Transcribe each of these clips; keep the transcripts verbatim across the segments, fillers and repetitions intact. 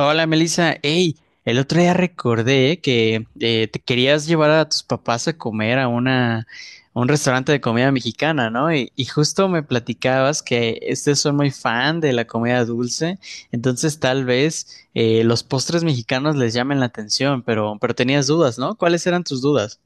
Hola Melissa, hey, el otro día recordé que eh, te querías llevar a tus papás a comer a una, a un restaurante de comida mexicana, ¿no? Y, y justo me platicabas que ustedes son muy fan de la comida dulce, entonces tal vez eh, los postres mexicanos les llamen la atención, pero, pero tenías dudas, ¿no? ¿Cuáles eran tus dudas?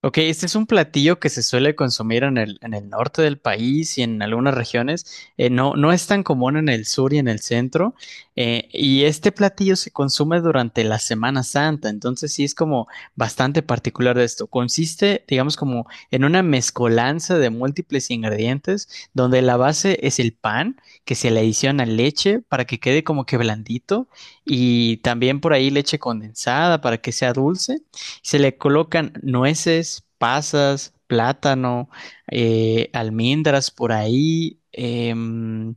Ok, este es un platillo que se suele consumir en el, en el norte del país y en algunas regiones. Eh, no, no es tan común en el sur y en el centro. Eh, y este platillo se consume durante la Semana Santa. Entonces sí es como bastante particular de esto. Consiste, digamos, como en una mezcolanza de múltiples ingredientes donde la base es el pan, que se le adiciona leche para que quede como que blandito, y también por ahí leche condensada para que sea dulce. Se le colocan nueces, pasas, plátano, eh, almendras por ahí. em,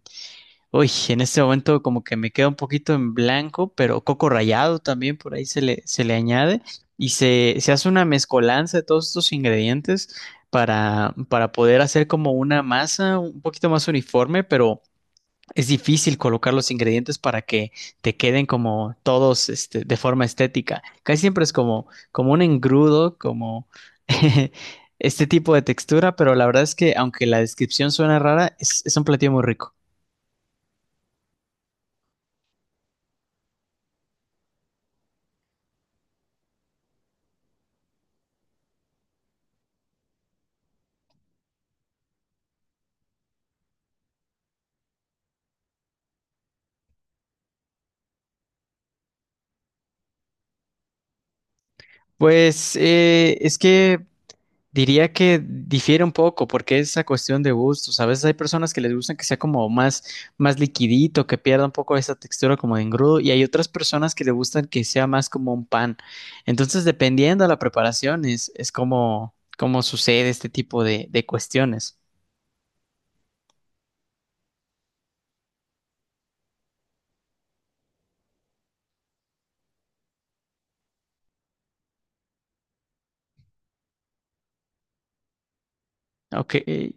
Uy, en este momento como que me queda un poquito en blanco, pero coco rallado también por ahí se le, se le añade, y se, se hace una mezcolanza de todos estos ingredientes para, para poder hacer como una masa un poquito más uniforme, pero es difícil colocar los ingredientes para que te queden como todos este, de forma estética. Casi siempre es como, como un engrudo, como este tipo de textura, pero la verdad es que aunque la descripción suena rara, es, es un platillo muy rico. Pues eh, es que diría que difiere un poco porque es esa cuestión de gustos. A veces hay personas que les gustan que sea como más, más liquidito, que pierda un poco esa textura como de engrudo, y hay otras personas que les gustan que sea más como un pan. Entonces, dependiendo de la preparación, es, es como, como sucede este tipo de, de cuestiones. Ok, eh,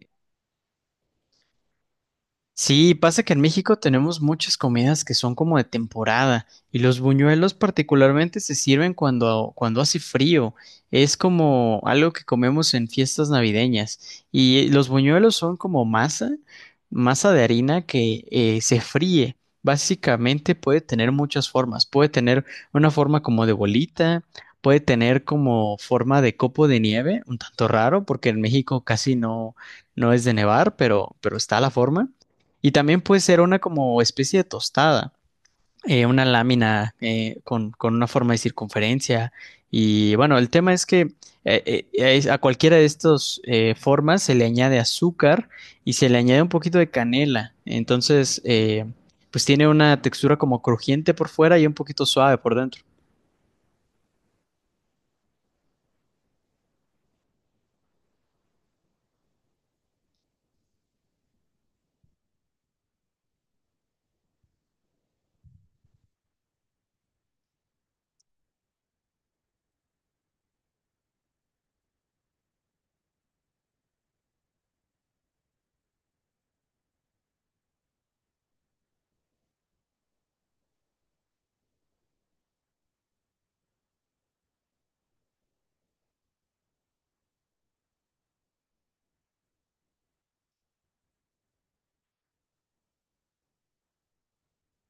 sí, pasa que en México tenemos muchas comidas que son como de temporada y los buñuelos particularmente se sirven cuando, cuando hace frío. Es como algo que comemos en fiestas navideñas, y los buñuelos son como masa, masa de harina que eh, se fríe. Básicamente puede tener muchas formas. Puede tener una forma como de bolita, puede tener como forma de copo de nieve, un tanto raro porque en México casi no, no es de nevar, pero, pero está la forma. Y también puede ser una como especie de tostada, eh, una lámina eh, con, con una forma de circunferencia. Y bueno, el tema es que eh, eh, es- a cualquiera de estas formas se le añade azúcar y se le añade un poquito de canela. Entonces, eh, pues tiene una textura como crujiente por fuera y un poquito suave por dentro.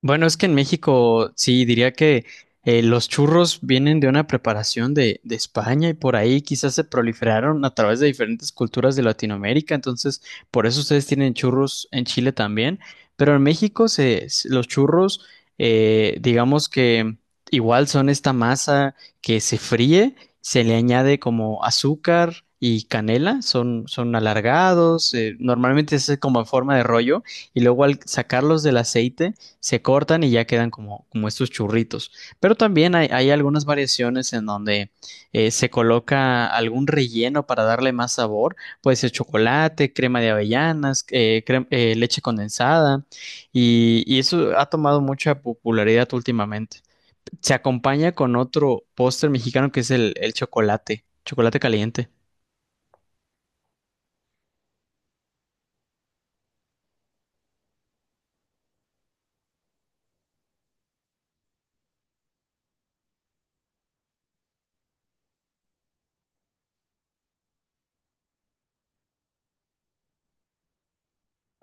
Bueno, es que en México sí diría que eh, los churros vienen de una preparación de, de España y por ahí quizás se proliferaron a través de diferentes culturas de Latinoamérica, entonces por eso ustedes tienen churros en Chile también, pero en México se, se- los churros, eh, digamos que igual son esta masa que se fríe, se le añade como azúcar y canela, son, son alargados, eh, normalmente es como en forma de rollo, y luego al sacarlos del aceite se cortan y ya quedan como, como estos churritos. Pero también hay, hay algunas variaciones en donde eh, se coloca algún relleno para darle más sabor: puede ser chocolate, crema de avellanas, eh, crem- eh, leche condensada, y, y eso ha tomado mucha popularidad últimamente. Se acompaña con otro póster mexicano que es el, el chocolate, chocolate caliente.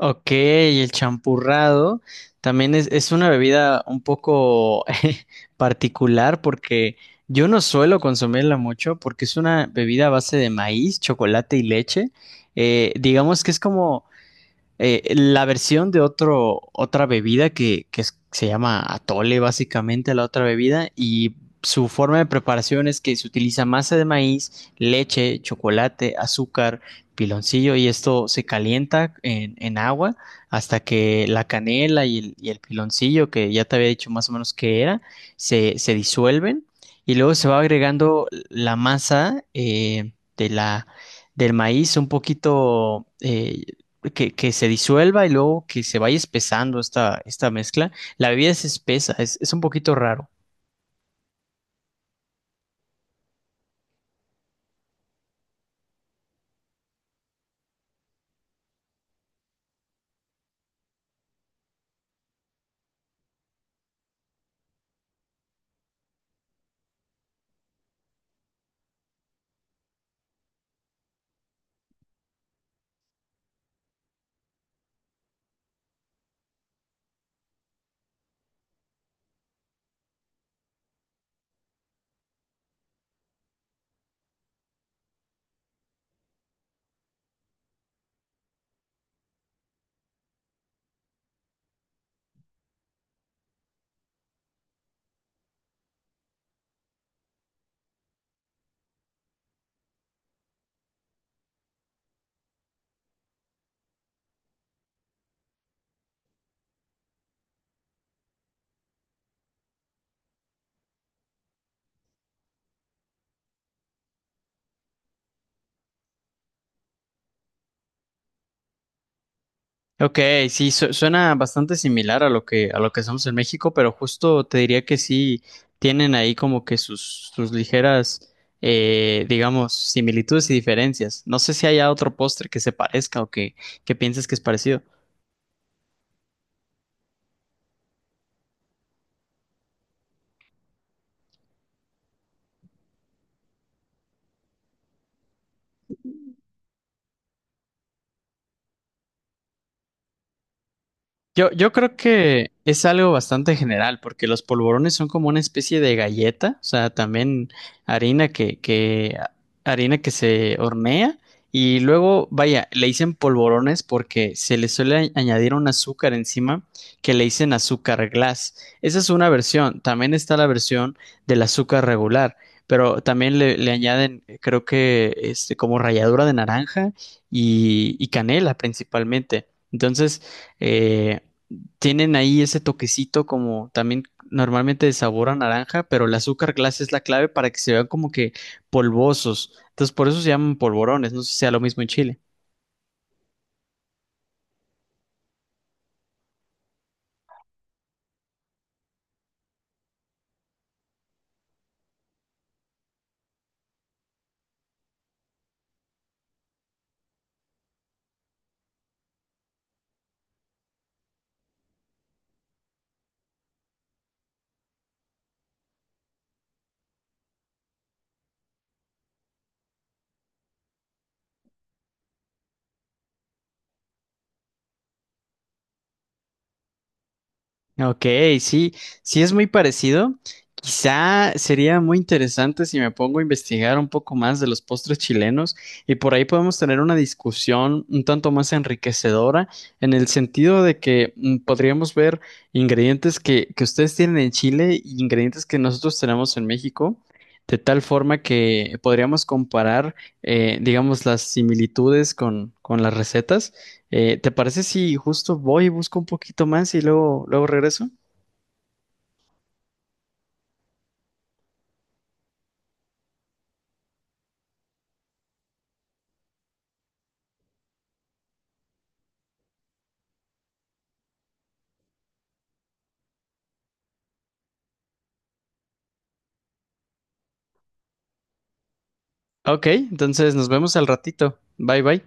Ok, y el champurrado también es, es una bebida un poco particular porque yo no suelo consumirla mucho porque es una bebida a base de maíz, chocolate y leche. Eh, digamos que es como eh, la versión de otro, otra bebida que, que es- se llama atole, básicamente la otra bebida, y su forma de preparación es que se utiliza masa de maíz, leche, chocolate, azúcar, piloncillo, y esto se calienta en, en agua hasta que la canela y el, y el piloncillo, que ya te había dicho más o menos qué era, se, se disuelven, y luego se va agregando la masa eh, de la del maíz un poquito eh, que, que se disuelva, y luego que se vaya espesando esta, esta mezcla. La bebida es espesa, es, es un poquito raro. Ok, sí, su- suena bastante similar a lo que, a lo que hacemos en México, pero justo te diría que sí tienen ahí como que sus, sus ligeras, eh, digamos, similitudes y diferencias. No sé si haya otro postre que se parezca o que, que pienses que es parecido. Yo, yo creo que es algo bastante general, porque los polvorones son como una especie de galleta, o sea, también harina que, que, harina que se hornea, y luego, vaya, le dicen polvorones porque se le suele añadir un azúcar encima que le dicen azúcar glass. Esa es una versión, también está la versión del azúcar regular, pero también le, le añaden, creo que este, como ralladura de naranja y, y canela principalmente. Entonces, eh, tienen ahí ese toquecito como también normalmente de sabor a naranja, pero el azúcar glass es la clave para que se vean como que polvosos. Entonces, por eso se llaman polvorones. No sé si sea lo mismo en Chile. Ok, sí, sí es muy parecido. Quizá sería muy interesante si me pongo a investigar un poco más de los postres chilenos, y por ahí podemos tener una discusión un tanto más enriquecedora en el sentido de que mm, podríamos ver ingredientes que, que ustedes tienen en Chile y ingredientes que nosotros tenemos en México, de tal forma que podríamos comparar, eh, digamos, las similitudes con, con las recetas. Eh, ¿te parece si justo voy y busco un poquito más y luego, luego regreso? Ok, entonces nos vemos al ratito. Bye bye.